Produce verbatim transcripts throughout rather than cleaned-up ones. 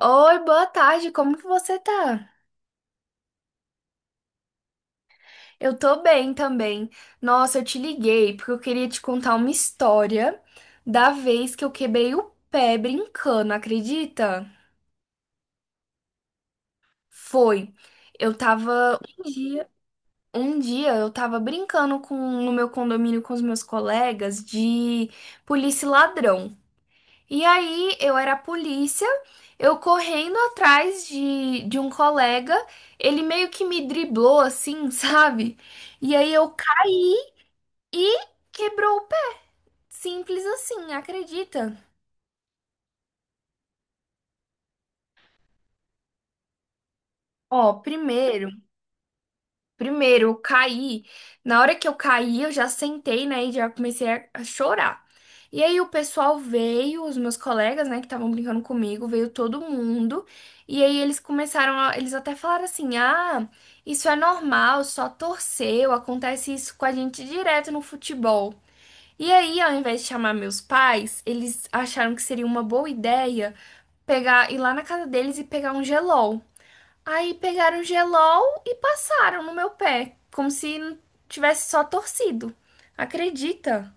Oi, boa tarde, como que você tá? Eu tô bem também. Nossa, eu te liguei porque eu queria te contar uma história da vez que eu quebrei o pé brincando, acredita? Foi. Eu tava um dia, um dia eu tava brincando com no meu condomínio com os meus colegas de polícia e ladrão. E aí, eu era a polícia, eu correndo atrás de, de um colega, ele meio que me driblou assim, sabe? E aí eu caí e quebrou o pé. Simples assim, acredita? Ó, primeiro. Primeiro, eu caí. Na hora que eu caí, eu já sentei, né? E já comecei a a chorar. E aí o pessoal veio, os meus colegas, né, que estavam brincando comigo, veio todo mundo. E aí eles começaram a, eles até falaram assim: "Ah, isso é normal, só torceu, acontece isso com a gente direto no futebol". E aí, ao invés de chamar meus pais, eles acharam que seria uma boa ideia pegar ir lá na casa deles e pegar um gelol. Aí pegaram gelol e passaram no meu pé, como se n- tivesse só torcido. Acredita?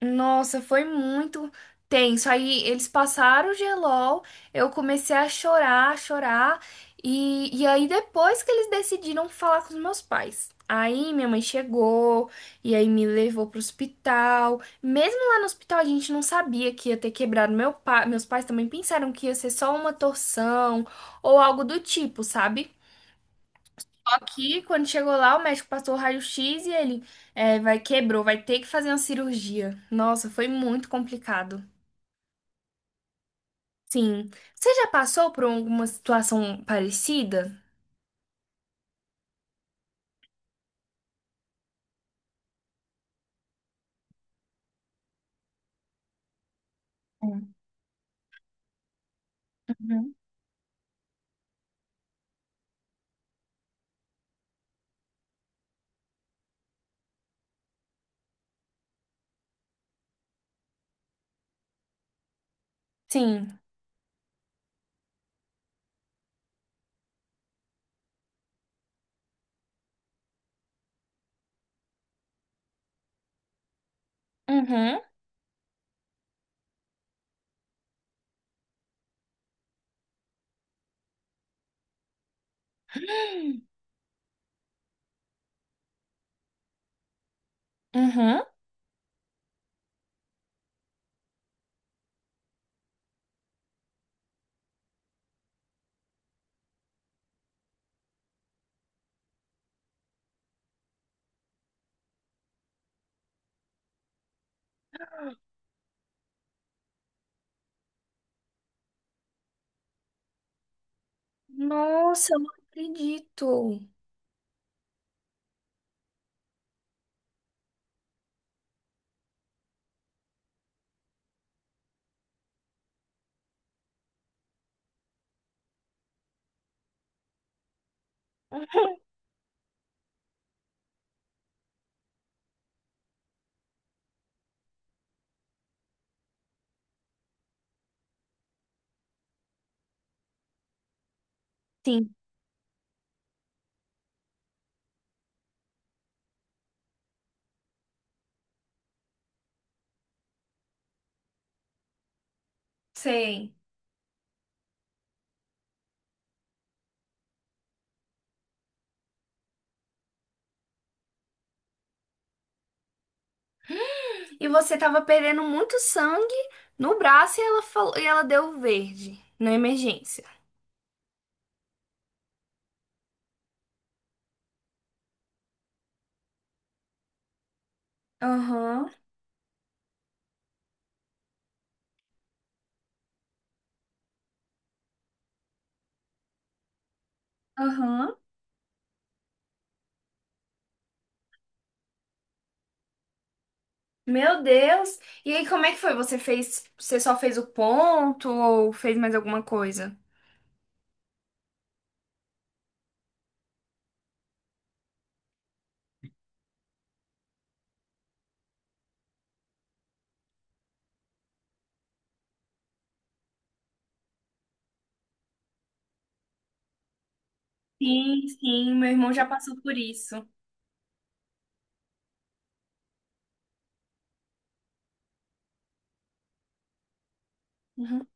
Nossa, foi muito tenso. Aí eles passaram o gelol, eu comecei a chorar, a chorar. E, e aí depois que eles decidiram falar com os meus pais. Aí minha mãe chegou e aí me levou pro hospital. Mesmo lá no hospital a gente não sabia que ia ter quebrado meu pai. Meus pais também pensaram que ia ser só uma torção ou algo do tipo, sabe? Só que quando chegou lá, o médico passou o raio-x e ele é, vai quebrou, vai ter que fazer uma cirurgia. Nossa, foi muito complicado. Sim. Você já passou por alguma situação parecida? Sim. Uhum. Sim. Uhum. Uhum. Nossa, eu não acredito. Sim, sei. E você tava perdendo muito sangue no braço e ela falou, e ela deu o verde na emergência. Aham, aham. Meu Deus! E aí, como é que foi? Você fez, você só fez o ponto ou fez mais alguma coisa? Sim, sim, meu irmão já passou por isso. Uhum.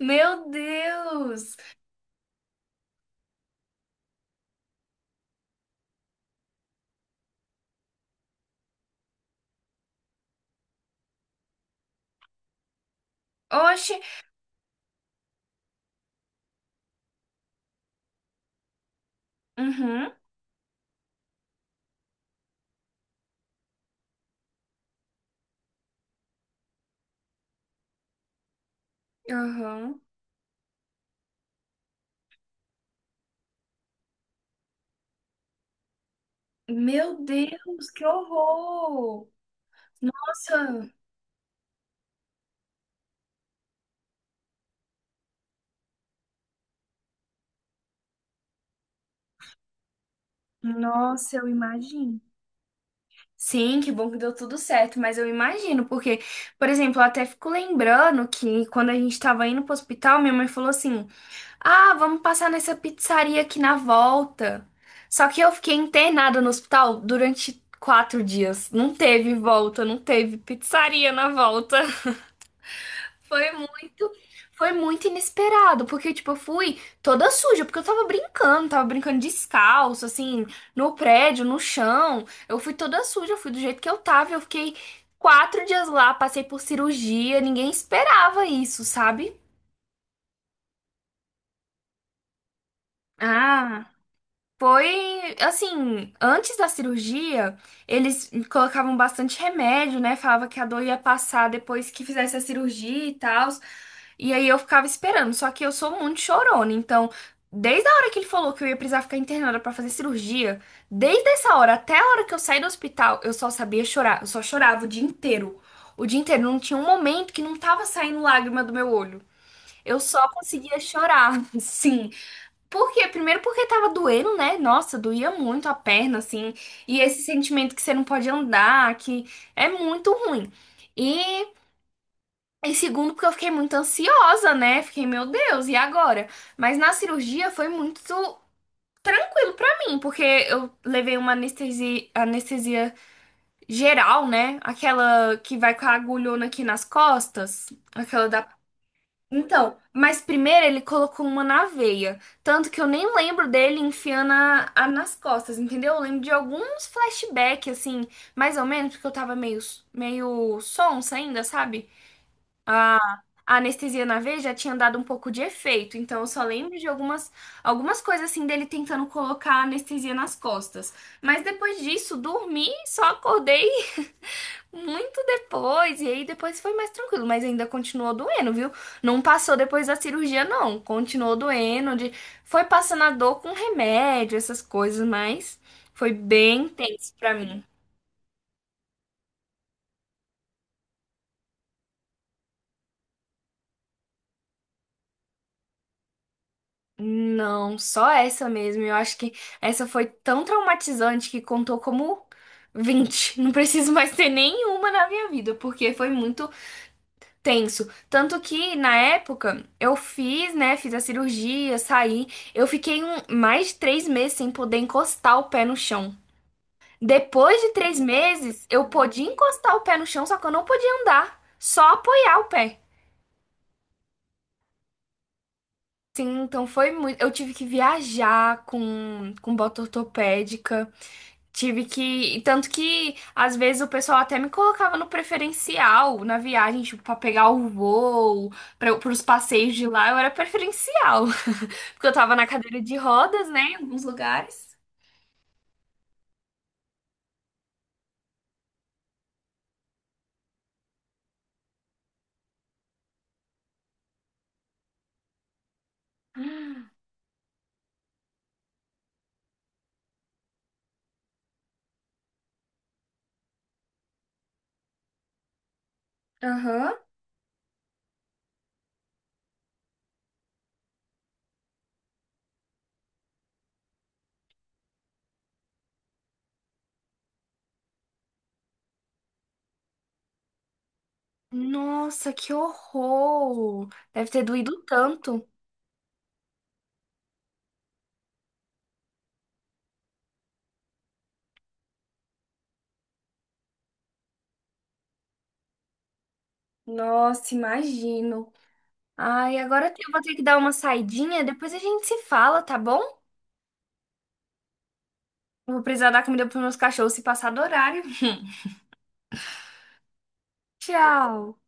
Meu Deus! Oxe! Uhum, uhum. Meu Deus, que horror! Nossa, nossa, eu imagino. Sim, que bom que deu tudo certo, mas eu imagino, porque, por exemplo, eu até fico lembrando que quando a gente tava indo pro hospital, minha mãe falou assim. Ah, vamos passar nessa pizzaria aqui na volta. Só que eu fiquei internada no hospital durante quatro dias. Não teve volta, não teve pizzaria na volta. Foi muito, foi muito inesperado, porque, tipo, eu fui toda suja, porque eu tava brincando, tava brincando descalço, assim, no prédio, no chão. Eu fui toda suja, eu fui do jeito que eu tava. Eu fiquei quatro dias lá, passei por cirurgia, ninguém esperava isso, sabe? Ah. Foi assim, antes da cirurgia, eles colocavam bastante remédio, né? Falava que a dor ia passar depois que fizesse a cirurgia e tal. E aí eu ficava esperando. Só que eu sou muito chorona, então, desde a hora que ele falou que eu ia precisar ficar internada pra fazer cirurgia, desde essa hora até a hora que eu saí do hospital, eu só sabia chorar. Eu só chorava o dia inteiro. O dia inteiro, não tinha um momento que não tava saindo lágrima do meu olho. Eu só conseguia chorar, sim. Porque, primeiro porque tava doendo, né? Nossa, doía muito a perna, assim. E esse sentimento que você não pode andar, que é muito ruim. E, e segundo, porque eu fiquei muito ansiosa, né? Fiquei, meu Deus, e agora? Mas na cirurgia foi muito tranquilo pra mim, porque eu levei uma anestesia, anestesia geral, né? Aquela que vai com a agulhona aqui nas costas, aquela da então, mas primeiro ele colocou uma na veia. Tanto que eu nem lembro dele enfiando a, a nas costas, entendeu? Eu lembro de alguns flashbacks, assim, mais ou menos, porque eu tava meio, meio sonsa ainda, sabe? A, a anestesia na veia já tinha dado um pouco de efeito. Então eu só lembro de algumas, algumas coisas, assim, dele tentando colocar a anestesia nas costas. Mas depois disso, dormi, só acordei muito depois, e aí depois foi mais tranquilo, mas ainda continuou doendo, viu? Não passou depois da cirurgia, não. Continuou doendo, de... foi passando a dor com remédio, essas coisas, mas foi bem intenso pra mim. Não, só essa mesmo. Eu acho que essa foi tão traumatizante que contou como vinte. Não preciso mais ter nenhuma na minha vida, porque foi muito tenso. Tanto que, na época, eu fiz, né? Fiz a cirurgia, saí. Eu fiquei um, mais de três meses sem poder encostar o pé no chão. Depois de três meses, eu podia encostar o pé no chão, só que eu não podia andar. Só apoiar o pé. Sim, então foi muito. Eu tive que viajar com, com bota ortopédica. Tive que. E tanto que, às vezes, o pessoal até me colocava no preferencial na viagem, tipo, pra pegar o voo para os passeios de lá, eu era preferencial. Porque eu tava na cadeira de rodas, né, em alguns lugares. Aham. Nossa, que horror! Deve ter doído tanto. Nossa, imagino. Ai, agora eu vou ter que dar uma saidinha, depois a gente se fala, tá bom? Eu vou precisar dar comida pros meus cachorros se passar do horário. Tchau!